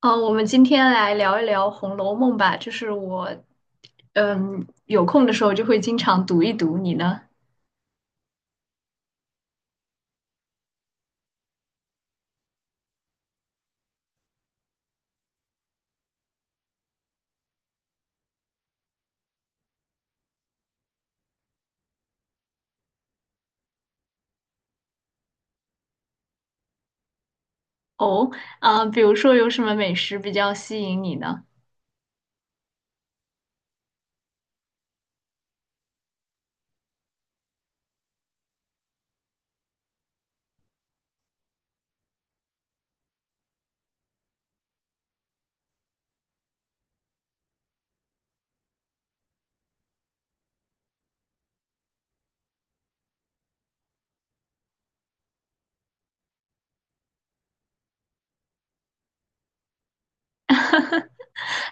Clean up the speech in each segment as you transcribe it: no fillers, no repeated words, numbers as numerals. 嗯，我们今天来聊一聊《红楼梦》吧。就是我，嗯，有空的时候就会经常读一读。你呢？哦，啊，比如说有什么美食比较吸引你呢？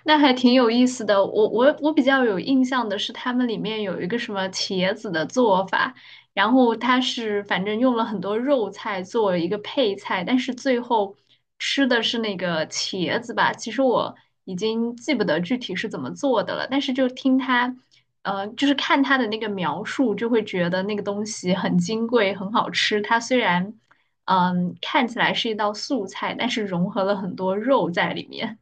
那还挺有意思的。我比较有印象的是，他们里面有一个什么茄子的做法，然后它是反正用了很多肉菜做为一个配菜，但是最后吃的是那个茄子吧。其实我已经记不得具体是怎么做的了，但是就听他，就是看他的那个描述，就会觉得那个东西很金贵，很好吃。它虽然，嗯，看起来是一道素菜，但是融合了很多肉在里面。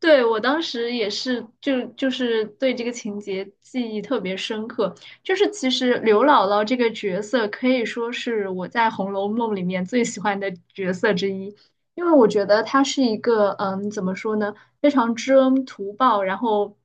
对，我当时也是，就是对这个情节记忆特别深刻。就是其实刘姥姥这个角色可以说是我在《红楼梦》里面最喜欢的角色之一，因为我觉得她是一个嗯，怎么说呢，非常知恩图报，然后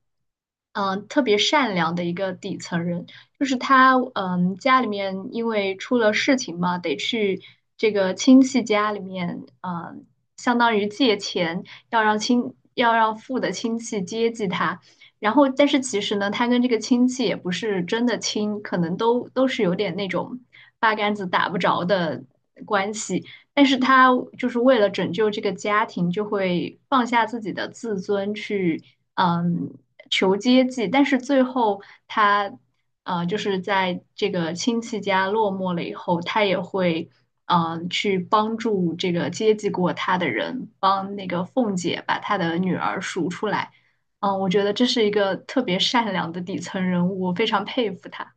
嗯，特别善良的一个底层人。就是她嗯，家里面因为出了事情嘛，得去这个亲戚家里面嗯，相当于借钱。要让父的亲戚接济他。然后，但是其实呢，他跟这个亲戚也不是真的亲，可能都是有点那种八竿子打不着的关系。但是他就是为了拯救这个家庭，就会放下自己的自尊去，嗯，求接济。但是最后他就是在这个亲戚家落寞了以后，他也会去帮助这个接济过他的人，帮那个凤姐把她的女儿赎出来。嗯、我觉得这是一个特别善良的底层人物，我非常佩服他。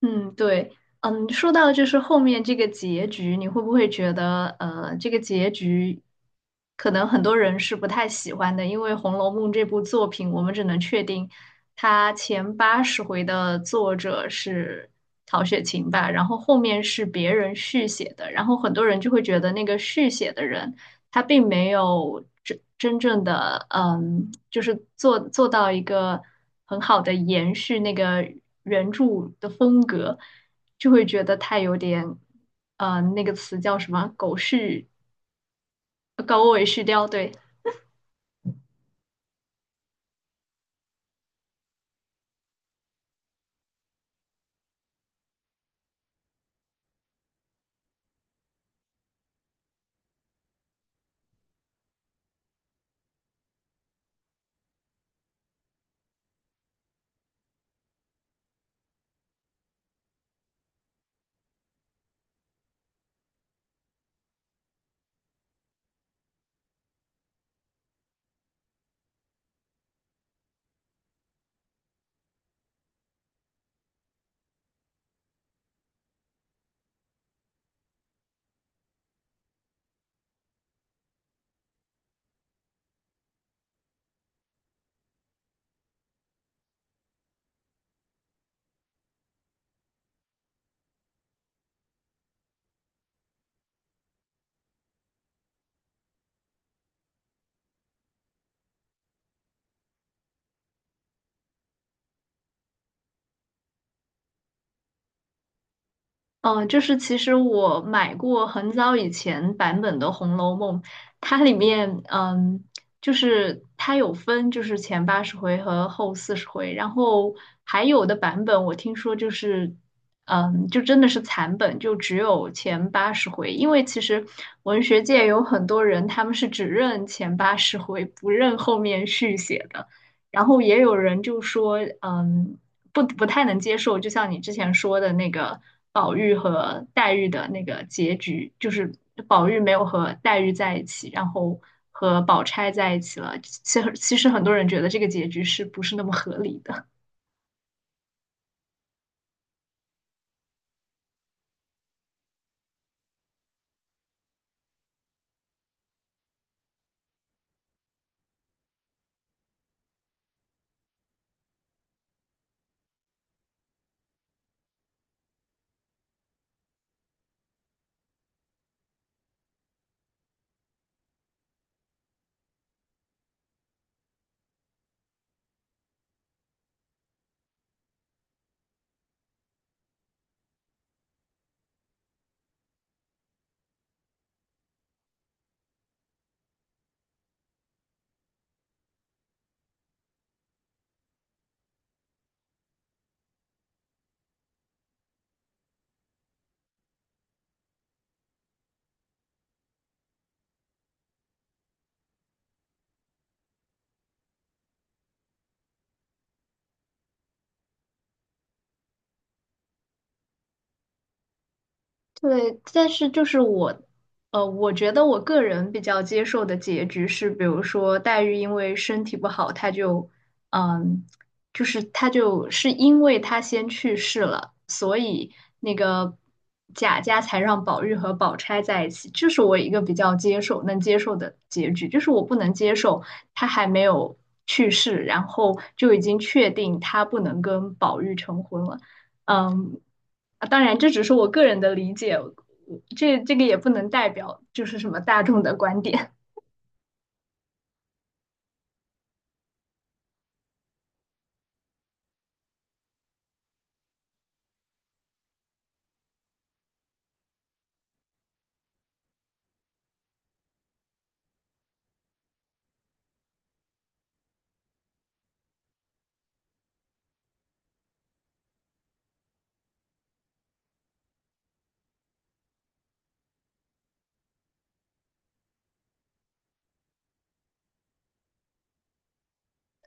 嗯，对，嗯，说到就是后面这个结局，你会不会觉得，这个结局可能很多人是不太喜欢的，因为《红楼梦》这部作品，我们只能确定它前八十回的作者是曹雪芹吧，然后后面是别人续写的，然后很多人就会觉得那个续写的人。它并没有真真正的，嗯，就是做到一个很好的延续那个原著的风格，就会觉得它有点，那个词叫什么？狗续，狗尾续貂，对，嗯，就是其实我买过很早以前版本的《红楼梦》，它里面嗯，就是它有分就是前八十回和后四十回，然后还有的版本我听说就是嗯，就真的是残本，就只有前八十回，因为其实文学界有很多人他们是只认前八十回，不认后面续写的。然后也有人就说，嗯，不太能接受，就像你之前说的那个宝玉和黛玉的那个结局，就是宝玉没有和黛玉在一起，然后和宝钗在一起了。其实很多人觉得这个结局是不是那么合理的？对，但是就是我，我觉得我个人比较接受的结局是，比如说黛玉因为身体不好，她就，嗯，就是她就是因为她先去世了，所以那个贾家才让宝玉和宝钗在一起，这是我一个比较接受能接受的结局，就是我不能接受她还没有去世，然后就已经确定她不能跟宝玉成婚了，嗯。啊，当然这只是我个人的理解，这个也不能代表就是什么大众的观点。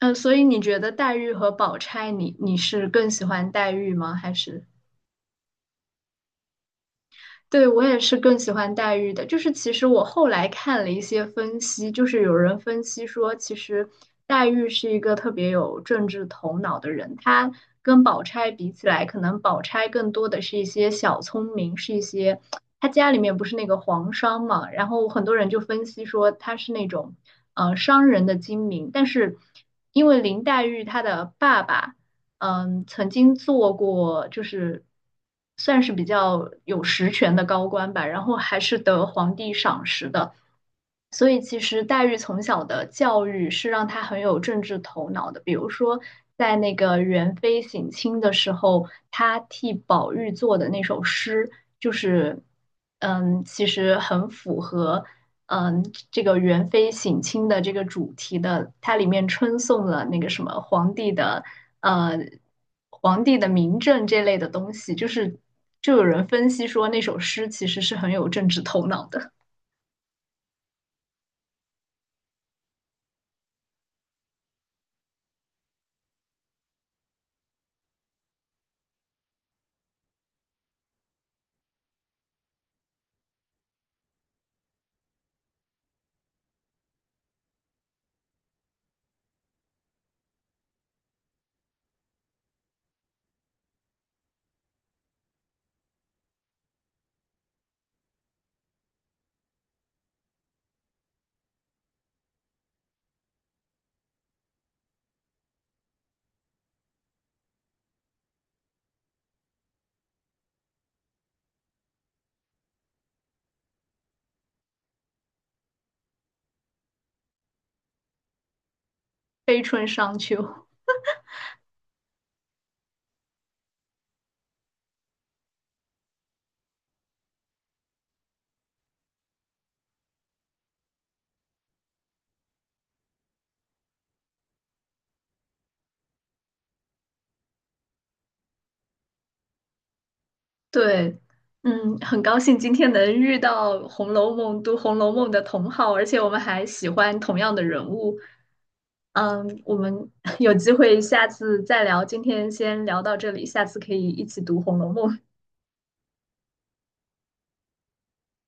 嗯，所以你觉得黛玉和宝钗你，你是更喜欢黛玉吗？还是对，我也是更喜欢黛玉的，就是其实我后来看了一些分析，就是有人分析说，其实黛玉是一个特别有政治头脑的人，她跟宝钗比起来，可能宝钗更多的是一些小聪明，是一些她家里面不是那个皇商嘛，然后很多人就分析说她是那种商人的精明，但是因为林黛玉她的爸爸。嗯，曾经做过，就是算是比较有实权的高官吧，然后还是得皇帝赏识的。所以其实黛玉从小的教育是让她很有政治头脑的。比如说，在那个元妃省亲的时候，她替宝玉做的那首诗，就是嗯，其实很符合嗯这个元妃省亲的这个主题的。它里面称颂了那个什么皇帝的呃皇帝的名政这类的东西，就是就有人分析说那首诗其实是很有政治头脑的，《悲春伤秋》。对，嗯，很高兴今天能遇到《红楼梦》的同好，而且我们还喜欢同样的人物。嗯，我们 有机会下次再聊，今天先聊到这里，下次可以一起读《红楼梦》。